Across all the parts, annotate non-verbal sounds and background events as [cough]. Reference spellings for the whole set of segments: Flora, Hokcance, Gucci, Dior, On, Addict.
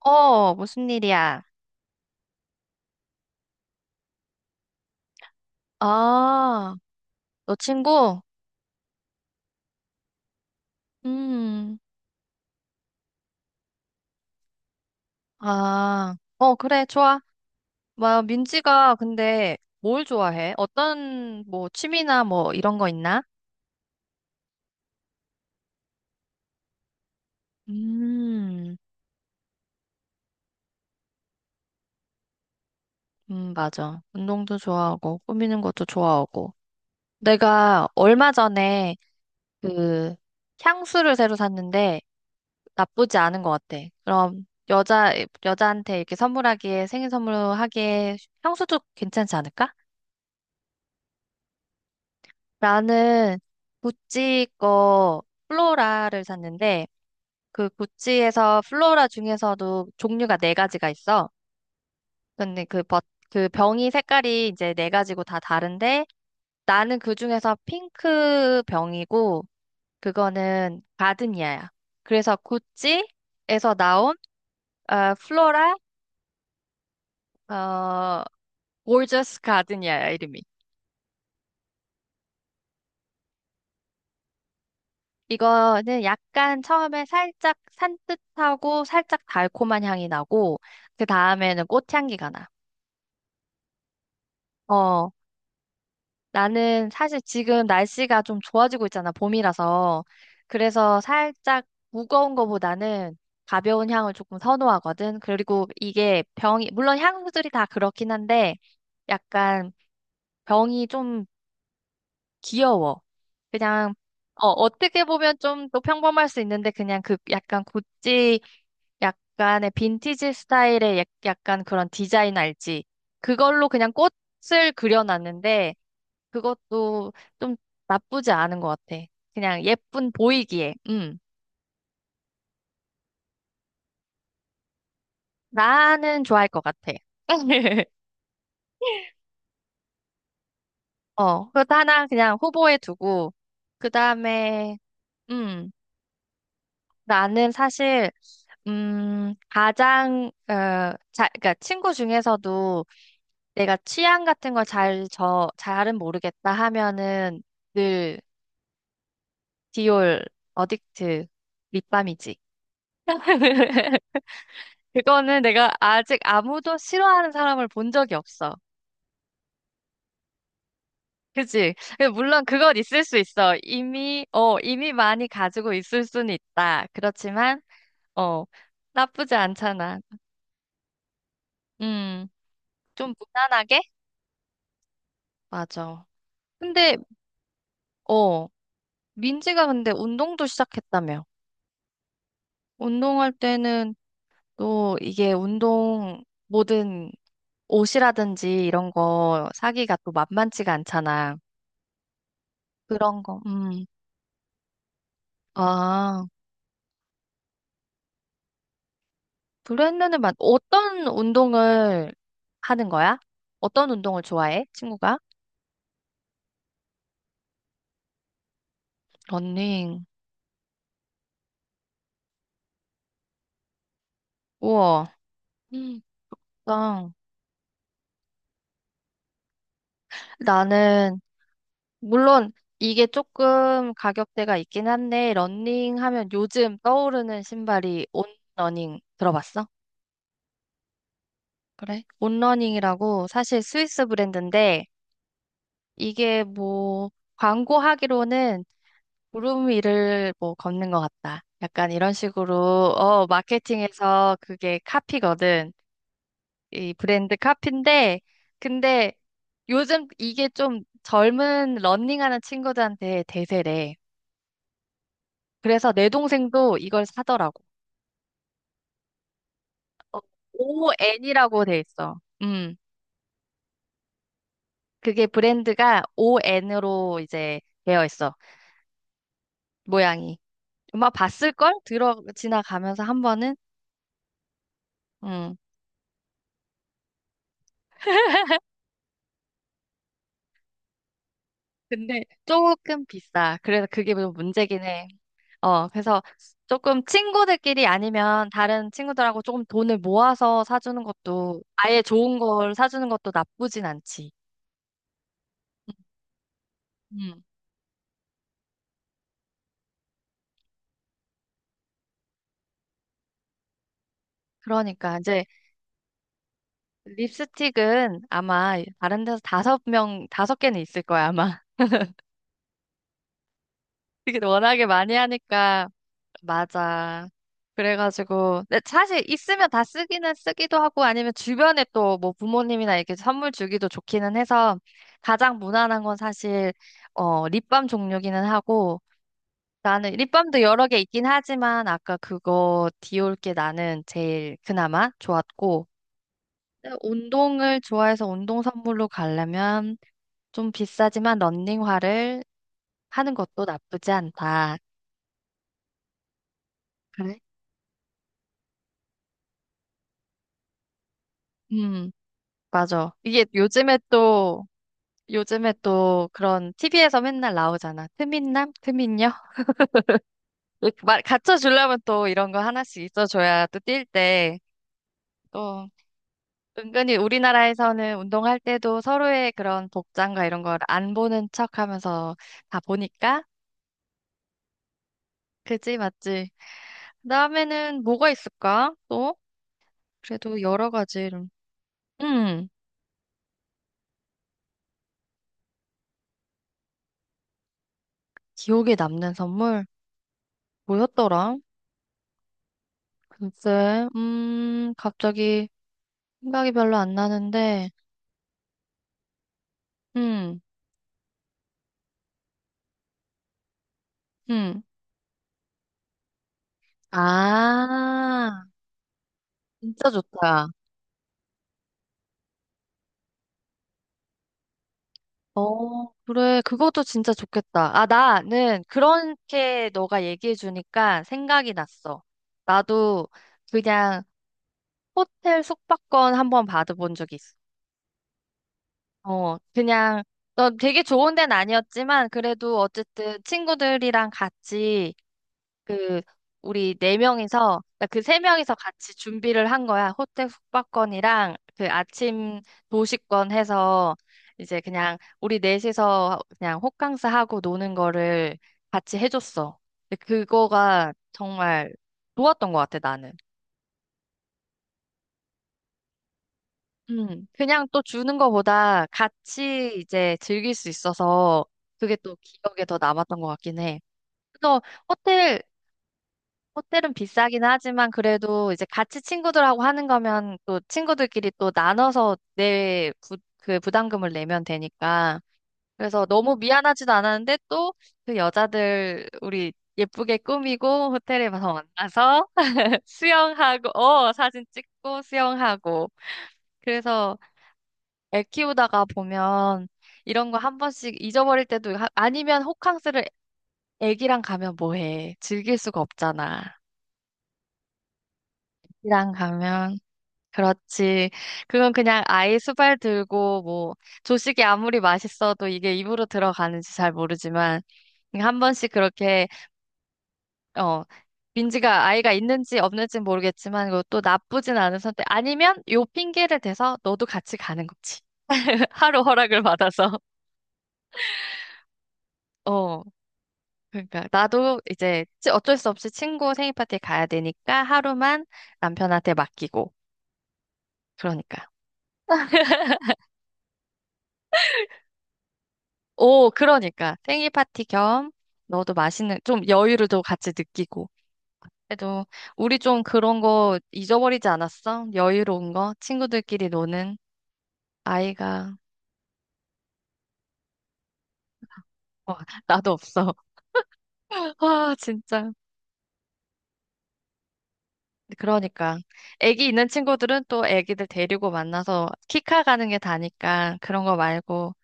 어, 무슨 일이야? 아, 너 친구? 음, 아, 어, 그래, 좋아. 뭐, 민지가 근데 뭘 좋아해? 어떤, 뭐, 취미나 뭐, 이런 거 있나? 음, 맞아. 운동도 좋아하고, 꾸미는 것도 좋아하고. 내가 얼마 전에 그, 향수를 새로 샀는데, 나쁘지 않은 것 같아. 그럼, 여자한테 이렇게 선물하기에, 생일 선물하기에, 향수도 괜찮지 않을까? 나는 구찌 거 플로라를 샀는데 그 구찌에서 플로라 중에서도 종류가 네 가지가 있어. 근데 그 버, 그 병이 색깔이 이제 4가지고 다 다른데 나는 그 중에서 핑크 병이고 그거는 가드니아야. 그래서 구찌에서 나온 어, 플로라 어 골저스 가드니아야 이름이. 이거는 약간 처음에 살짝 산뜻하고 살짝 달콤한 향이 나고, 그 다음에는 꽃향기가 나. 어, 나는 사실 지금 날씨가 좀 좋아지고 있잖아, 봄이라서. 그래서 살짝 무거운 거보다는 가벼운 향을 조금 선호하거든. 그리고 이게 병이, 물론 향들이 다 그렇긴 한데, 약간 병이 좀 귀여워. 그냥, 어, 어떻게 보면 좀 더 평범할 수 있는데, 그냥 그 약간 구찌, 약간의 빈티지 스타일의 약간 그런 디자인 알지? 그걸로 그냥 꽃을 그려놨는데, 그것도 좀 나쁘지 않은 것 같아. 그냥 예쁜 보이기에, 나는 좋아할 것 같아. [laughs] 어, 그것 하나 그냥 후보에 두고, 그 다음에, 나는 사실 음, 가장, 어, 그러니까 친구 중에서도 내가 취향 같은 걸 잘은 모르겠다 하면은 늘 디올 어딕트 립밤이지. [laughs] 그거는 내가 아직 아무도 싫어하는 사람을 본 적이 없어. 그치? 물론 그건 있을 수 있어. 이미 많이 가지고 있을 수는 있다. 그렇지만, 어, 나쁘지 않잖아. 음, 좀 무난하게? 맞아. 근데, 어, 민지가 근데 운동도 시작했다며. 운동할 때는 또 이게 운동, 모든 옷이라든지 이런 거 사기가 또 만만치가 않잖아. 그런 거, 아, 브랜드는 맞, 어떤 운동을 하는 거야? 어떤 운동을 좋아해, 친구가? 러닝. 우와. 음. 나- 나는 물론 이게 조금 가격대가 있긴 한데 러닝 하면 요즘 떠오르는 신발이 온러닝 들어봤어? 그래? 온러닝이라고 사실 스위스 브랜드인데 이게 뭐 광고하기로는 구름 위를 뭐 걷는 것 같다. 약간 이런 식으로 어 마케팅에서 그게 카피거든. 이 브랜드 카피인데 근데 요즘 이게 좀 젊은 러닝하는 친구들한테 대세래. 그래서 내 동생도 이걸 사더라고. 어, ON이라고 돼 있어. 그게 브랜드가 ON으로 이제 되어 있어. 모양이. 아마 봤을걸? 들어, 지나가면서 한 번은? 음. 근데 조금 비싸. 그래서 그게 좀 문제긴 해. 어, 그래서 조금 친구들끼리 아니면 다른 친구들하고 조금 돈을 모아서 사주는 것도 아예 좋은 걸 사주는 것도 나쁘진 않지. 음. 그러니까 이제 립스틱은 아마 다른 데서 5개는 있을 거야, 아마. [laughs] 이게 워낙에 많이 하니까, 맞아. 그래가지고, 근데 사실 있으면 다 쓰기는 쓰기도 하고, 아니면 주변에 또 뭐 부모님이나 이렇게 선물 주기도 좋기는 해서, 가장 무난한 건 사실, 어, 립밤 종류기는 하고, 나는 립밤도 여러 개 있긴 하지만, 아까 그거 디올 게 나는 제일 그나마 좋았고, 근데 운동을 좋아해서 운동 선물로 가려면, 좀 비싸지만 런닝화를 하는 것도 나쁘지 않다. 그래? 음, 맞아. 이게 요즘에 또 그런 TV에서 맨날 나오잖아. 트민남? 트민녀? 말, 갖춰주려면 또 이런 거 하나씩 있어줘야 또 뛸 때, 또, 은근히 우리나라에서는 운동할 때도 서로의 그런 복장과 이런 걸 안 보는 척 하면서 다 보니까? 그지, 맞지? 그다음에는 뭐가 있을까? 또? 그래도 여러 가지. 음. 기억에 남는 선물? 뭐였더라? 글쎄, 갑자기 생각이 별로 안 나는데, 음, 음. 아, 진짜 좋다. 어, 그래. 그것도 진짜 좋겠다. 아, 나는 그렇게 너가 얘기해 주니까 생각이 났어. 나도 그냥 호텔 숙박권 한번 받아본 적이 있어. 어, 그냥, 어, 되게 좋은 데는 아니었지만, 그래도 어쨌든 친구들이랑 같이 그 우리 4명이서 그러니까 그세 명이서 같이 준비를 한 거야. 호텔 숙박권이랑 그 아침 도시권 해서 이제 그냥 우리 넷이서 그냥 호캉스 하고 노는 거를 같이 해줬어. 근데 그거가 정말 좋았던 것 같아, 나는. 그냥 또 주는 거보다 같이 이제 즐길 수 있어서 그게 또 기억에 더 남았던 것 같긴 해. 그래서 호텔 호텔은 비싸긴 하지만 그래도 이제 같이 친구들하고 하는 거면 또 친구들끼리 또 나눠서 그 부담금을 내면 되니까. 그래서 너무 미안하지도 않았는데 또 그 여자들 우리 예쁘게 꾸미고 호텔에 가서 만나서 [laughs] 수영하고, 어, 사진 찍고 수영하고. 그래서 애 키우다가 보면 이런 거 한 번씩 잊어버릴 때도 아니면 호캉스를 애기랑 가면 뭐 해? 즐길 수가 없잖아. 애기랑 가면 그렇지. 그건 그냥 아이 수발 들고 뭐 조식이 아무리 맛있어도 이게 입으로 들어가는지 잘 모르지만 그냥 한 번씩 그렇게 어 민지가 아이가 있는지 없는지 모르겠지만 그것도 나쁘진 않은 선택. 아니면 요 핑계를 대서 너도 같이 가는 거지. [laughs] 하루 허락을 받아서. [laughs] 어, 그러니까 나도 이제 어쩔 수 없이 친구 생일 파티에 가야 되니까 하루만 남편한테 맡기고. 그러니까. 오, 그러니까 생일 파티 겸 너도 맛있는 좀 여유를 또 같이 느끼고. 그래도 우리 좀 그런 거 잊어버리지 않았어? 여유로운 거 친구들끼리 노는 아이가 어, 나도 없어. [laughs] 와, 진짜. 그러니까 애기 있는 친구들은 또 애기들 데리고 만나서 키카 가는 게 다니까 그런 거 말고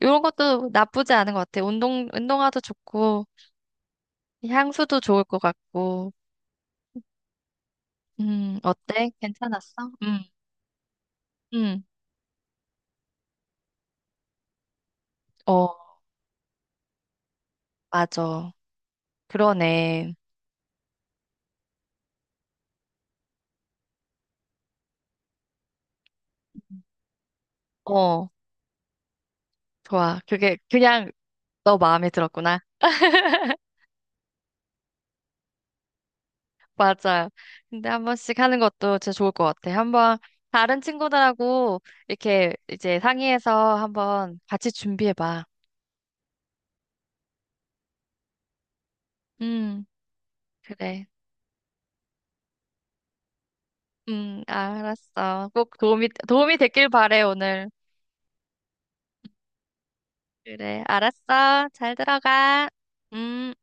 이런 것도 나쁘지 않은 것 같아. 운동화도 좋고 향수도 좋을 것 같고. 어때? 괜찮았어? 음. 어. 맞아. 그러네. 어, 좋아. 그게 그냥 너 마음에 들었구나. [laughs] 맞아. 근데 한 번씩 하는 것도 진짜 좋을 것 같아. 한 번 다른 친구들하고 이렇게 이제 상의해서 한번 같이 준비해봐. 음, 그래. 알았어. 꼭 도움이 됐길 바래, 오늘. 그래, 알았어. 잘 들어가. 음.